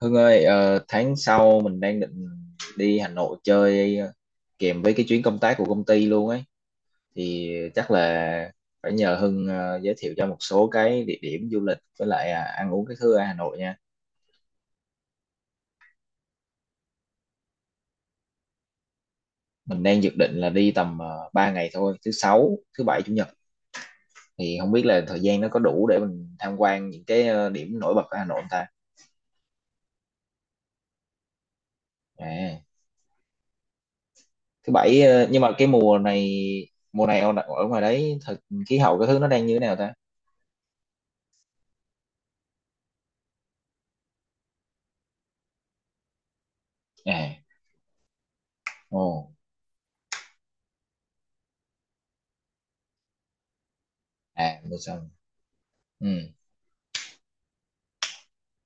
Hưng ơi, tháng sau mình đang định đi Hà Nội chơi, kèm với cái chuyến công tác của công ty luôn ấy. Thì chắc là phải nhờ Hưng giới thiệu cho một số cái địa điểm du lịch, với lại ăn uống cái thứ ở Hà Nội nha. Mình đang dự định là đi tầm 3 ngày thôi, thứ sáu, thứ bảy, chủ nhật. Thì không biết là thời gian nó có đủ để mình tham quan những cái điểm nổi bật ở Hà Nội không ta. À, thứ bảy. Ờ, nhưng mà cái mùa này, mùa này ở ở ngoài đấy thật, khí hậu cái thứ nó đang như thế nào ta? À. Ồ. À, mua sắm. Ừ.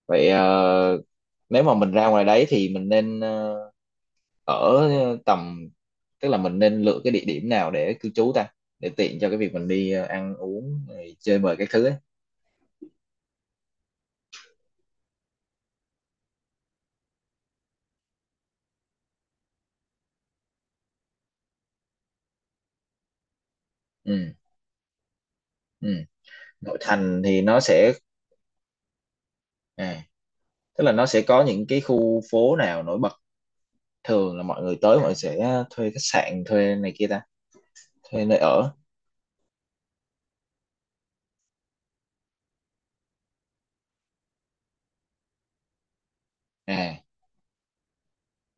Vậy, nếu mà mình ra ngoài đấy thì mình nên, ở tầm, tức là mình nên lựa cái địa điểm nào để cư trú ta, để tiện cho cái việc mình đi ăn uống rồi chơi bời các thứ ấy. Ừ. Ừ. Nội thành thì nó sẽ, à, tức là nó sẽ có những cái khu phố nào nổi bật, thường là mọi người tới mọi người sẽ thuê khách sạn, thuê này kia ta, thuê nơi ở. À,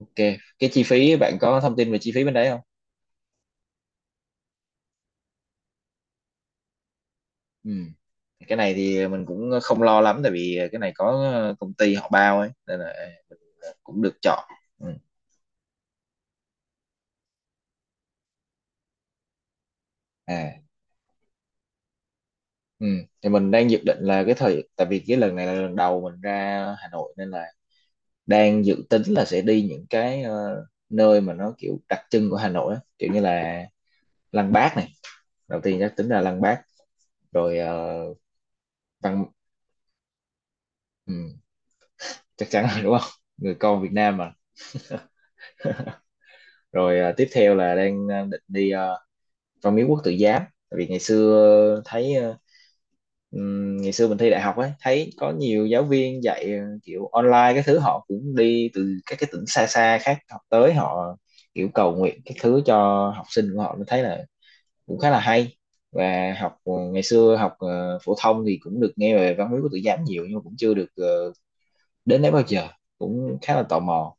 ok, cái chi phí, bạn có thông tin về chi phí bên đấy không? Ừ. Cái này thì mình cũng không lo lắm, tại vì cái này có, công ty họ bao ấy, nên là cũng được chọn. Ừ. À. Ừ. Thì mình đang dự định là cái thời, tại vì cái lần này là lần đầu mình ra Hà Nội nên là đang dự tính là sẽ đi những cái nơi mà nó kiểu đặc trưng của Hà Nội á. Kiểu như là Lăng Bác này, đầu tiên chắc tính là Lăng Bác, rồi, Văn. Ừ, chắc chắn rồi đúng không, người con Việt Nam mà. Rồi, tiếp theo là đang, định đi, Văn Miếu Quốc Tử Giám. Tại vì ngày xưa thấy, ngày xưa mình thi đại học ấy, thấy có nhiều giáo viên dạy kiểu online cái thứ, họ cũng đi từ các cái tỉnh xa xa khác học tới, họ kiểu cầu nguyện cái thứ cho học sinh của họ, mình thấy là cũng khá là hay. Và học ngày xưa học phổ thông thì cũng được nghe về văn hóa của tự giám nhiều, nhưng mà cũng chưa được đến đấy bao giờ, cũng khá là tò mò.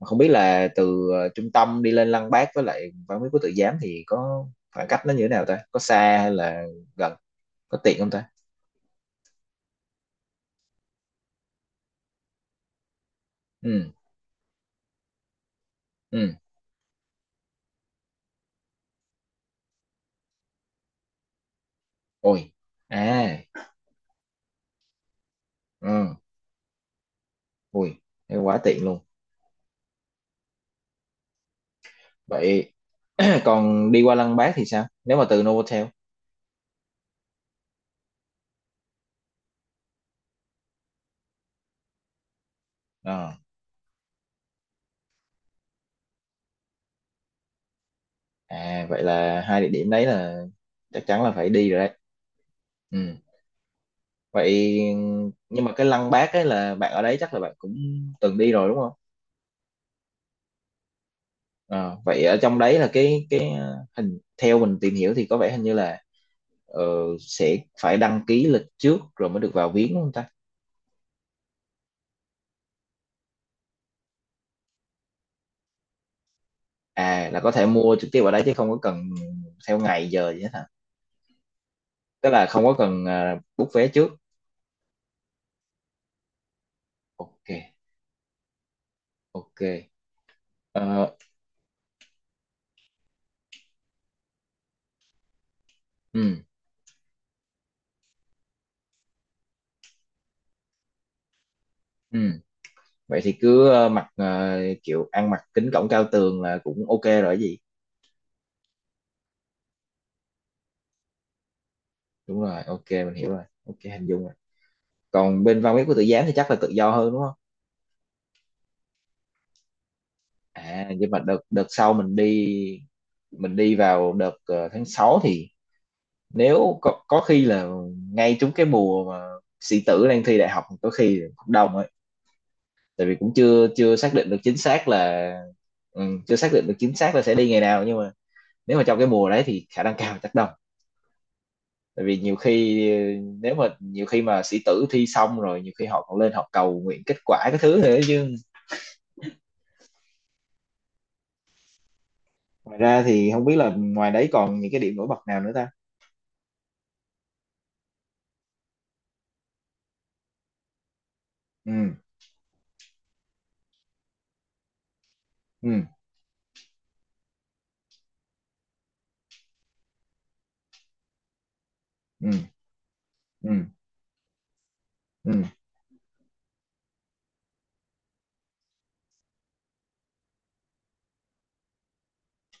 Mà không biết là từ trung tâm đi lên Lăng Bác với lại văn hóa của tự giám thì có khoảng cách nó như thế nào ta, có xa hay là gần, có tiện không ta? Ừ. Ừ. Ôi. À. Ừ. Ui, thế quá tiện luôn. Vậy còn đi qua Lăng Bác thì sao, nếu mà từ Novotel? Ờ. À, vậy là hai địa điểm đấy là chắc chắn là phải đi rồi đấy. Ừ. Vậy, nhưng mà cái Lăng Bác ấy, là bạn ở đấy chắc là bạn cũng từng đi rồi đúng không? Ờ, vậy ở trong đấy là cái hình, theo mình tìm hiểu thì có vẻ hình như là ờ, sẽ phải đăng ký lịch trước rồi mới được vào viếng đúng không ta? À, là có thể mua trực tiếp ở đấy chứ không có cần theo ngày giờ gì hết hả? Tức là không có cần book vé trước. Ok, ok. Ờ. Ừ. Ừ. Vậy thì cứ mặc kiểu ăn mặc kính cổng cao tường là cũng ok rồi, cái gì. Đúng rồi, ok, mình hiểu rồi, ok, hình dung rồi. Còn bên văn viết của tự giám thì chắc là tự do hơn đúng không? À, nhưng mà đợt đợt sau mình đi, mình đi vào đợt tháng 6 thì nếu có khi là ngay trúng cái mùa mà sĩ tử đang thi đại học, có khi cũng đông ấy. Tại vì cũng chưa chưa xác định được chính xác là, ừ, chưa xác định được chính xác là sẽ đi ngày nào, nhưng mà nếu mà trong cái mùa đấy thì khả năng cao chắc đông. Tại vì nhiều khi, nếu mà nhiều khi mà sĩ tử thi xong rồi, nhiều khi họ còn lên họ cầu nguyện kết quả cái thứ thế chứ. Ngoài ra thì không biết là ngoài đấy còn những cái điểm nổi bật nào nữa ta? Ừ. Ừ. Ừ. Ừ. Ừ.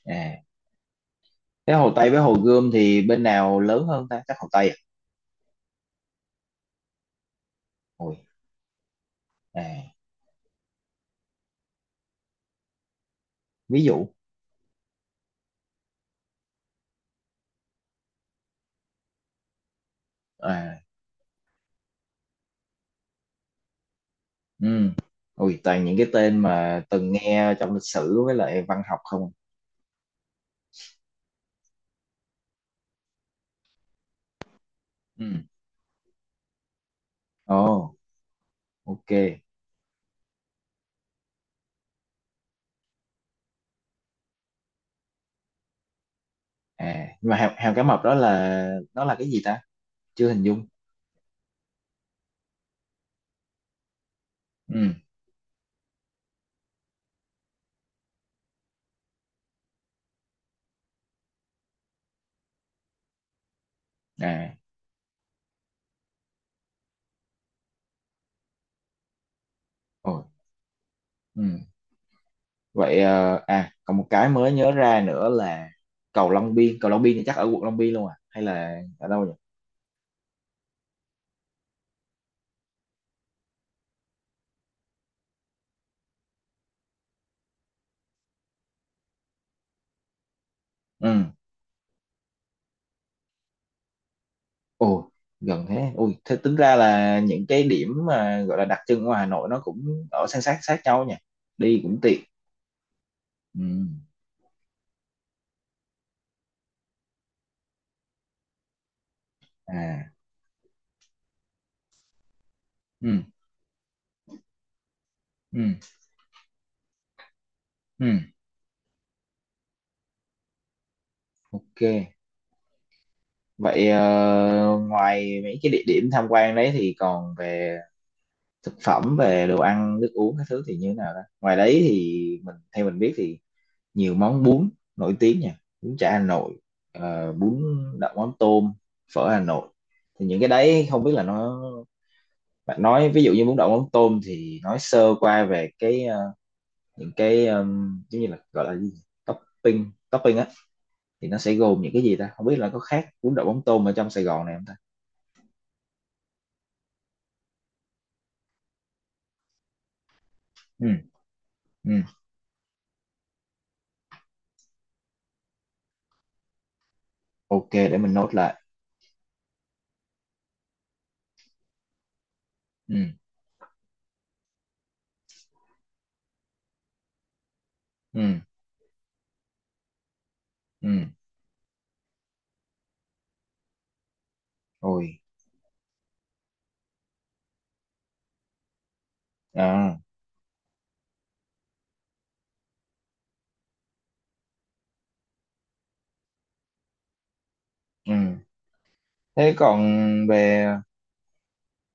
À, thế Hồ Tây với Hồ Gươm thì bên nào lớn hơn ta, chắc Hồ Tây à? Ôi. À. Ví dụ. À. Ừ. Ui, toàn những cái tên mà từng nghe trong lịch sử với lại văn học không. Ừ. Ồ. Ok. À, nhưng mà hào, hào cá mập đó là nó là cái gì ta, chưa hình dung. Ừ. À. Ồ. Ừ. Vậy, à, còn một cái mới nhớ ra nữa là cầu Long Biên, cầu Long Biên thì chắc ở quận Long Biên luôn à hay là ở đâu nhỉ? Ừ. Ồ, gần thế, ui, thế tính ra là những cái điểm mà gọi là đặc trưng của Hà Nội nó cũng ở san sát sát nhau nha, đi cũng tiện. Ừ. À. Ừ. Ừ. Ừ. Ok. Vậy, ngoài mấy cái địa điểm tham quan đấy thì còn về thực phẩm, về đồ ăn, nước uống các thứ thì như thế nào đó? Ngoài đấy thì mình, theo mình biết thì nhiều món bún nổi tiếng nha, bún chả Hà Nội, bún đậu mắm tôm, phở Hà Nội. Thì những cái đấy không biết là nó, bạn nói ví dụ như bún đậu mắm tôm thì nói sơ qua về cái những cái giống như là gọi là gì, topping thì nó sẽ gồm những cái gì ta, không biết là có khác bún đậu mắm tôm ở trong Sài Gòn này không ta. Ừ. Ừ. Ok, để mình nốt lại. Ừ. Ừ. Ừ. Rồi. À. Ừ. Thế còn về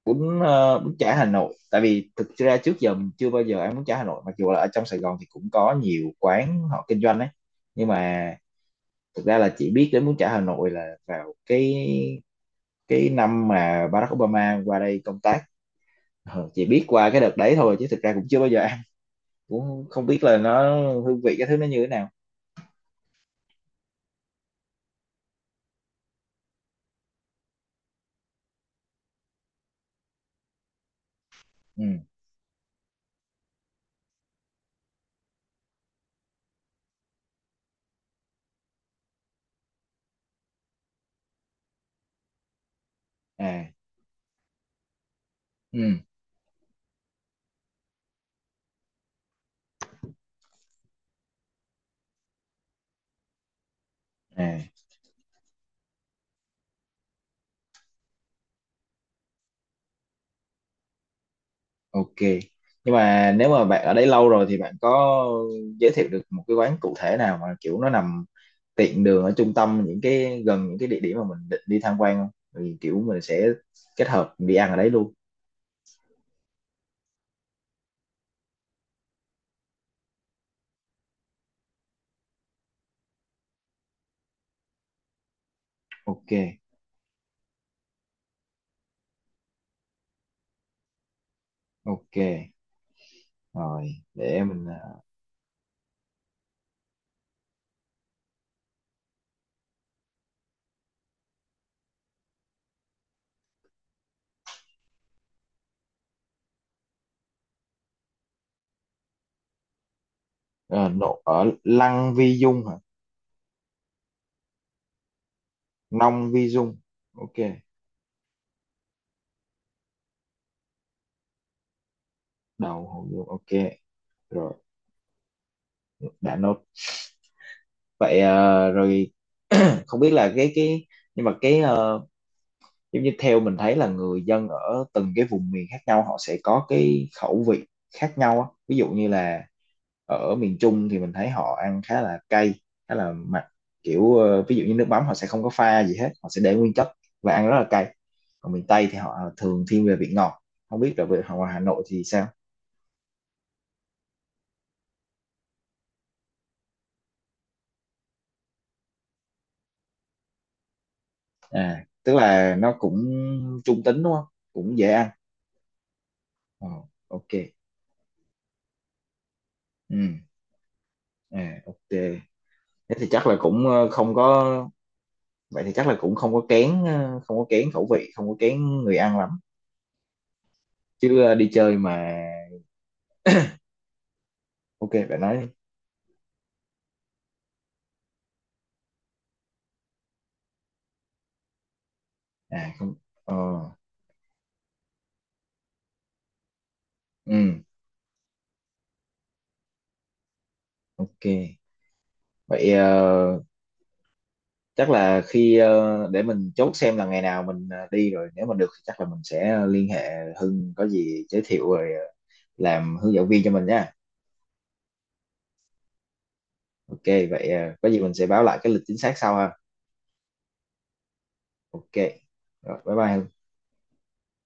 bún, bún chả Hà Nội, tại vì thực ra trước giờ mình chưa bao giờ ăn bún chả Hà Nội, mặc dù là ở trong Sài Gòn thì cũng có nhiều quán họ kinh doanh ấy, nhưng mà thực ra là chỉ biết đến bún chả Hà Nội là vào cái năm mà Barack Obama qua đây công tác. Ờ, chỉ biết qua cái đợt đấy thôi chứ thực ra cũng chưa bao giờ, cũng không biết là nó, hương vị cái thứ nó như thế nào. Ừ. À. Ừ. À. Ok, nhưng mà nếu mà bạn ở đây lâu rồi thì bạn có giới thiệu được một cái quán cụ thể nào mà kiểu nó nằm tiện đường ở trung tâm, những cái gần những cái địa điểm mà mình định đi tham quan không, thì kiểu mình sẽ kết hợp đi ăn ở đấy luôn. Ok. Ok. Rồi, để mình, ờ, nộ ở Lăng Vi Dung hả? Nông Vi Dung, ok. Đầu Hồ Dung, ok. Rồi, đã nốt. Vậy, rồi không biết là cái, nhưng mà cái giống như theo mình thấy là người dân ở từng cái vùng miền khác nhau họ sẽ có cái khẩu vị khác nhau á. Ví dụ như là ở miền Trung thì mình thấy họ ăn khá là cay, khá là mặn, kiểu ví dụ như nước mắm họ sẽ không có pha gì hết, họ sẽ để nguyên chất, và ăn rất là cay. Còn miền Tây thì họ thường thiên về vị ngọt, không biết là về ngoài Hà Nội thì sao. À, tức là nó cũng trung tính đúng không, cũng dễ ăn. Ờ, ok. Ừ. À, ok, thế thì chắc là cũng không có, vậy thì chắc là cũng không có kén, không có kén khẩu vị, không có kén người ăn lắm, chứ đi chơi mà. Ok, bạn nói đi. À không. Ờ. Ừ. Ok, vậy, chắc là khi, để mình chốt xem là ngày nào mình đi rồi, nếu mà được thì chắc là mình sẽ liên hệ Hưng có gì giới thiệu rồi làm hướng dẫn viên cho mình nha. Ok. Vậy, có gì mình sẽ báo lại cái lịch chính xác sau ha. Ok. Rồi, bye bye Hưng.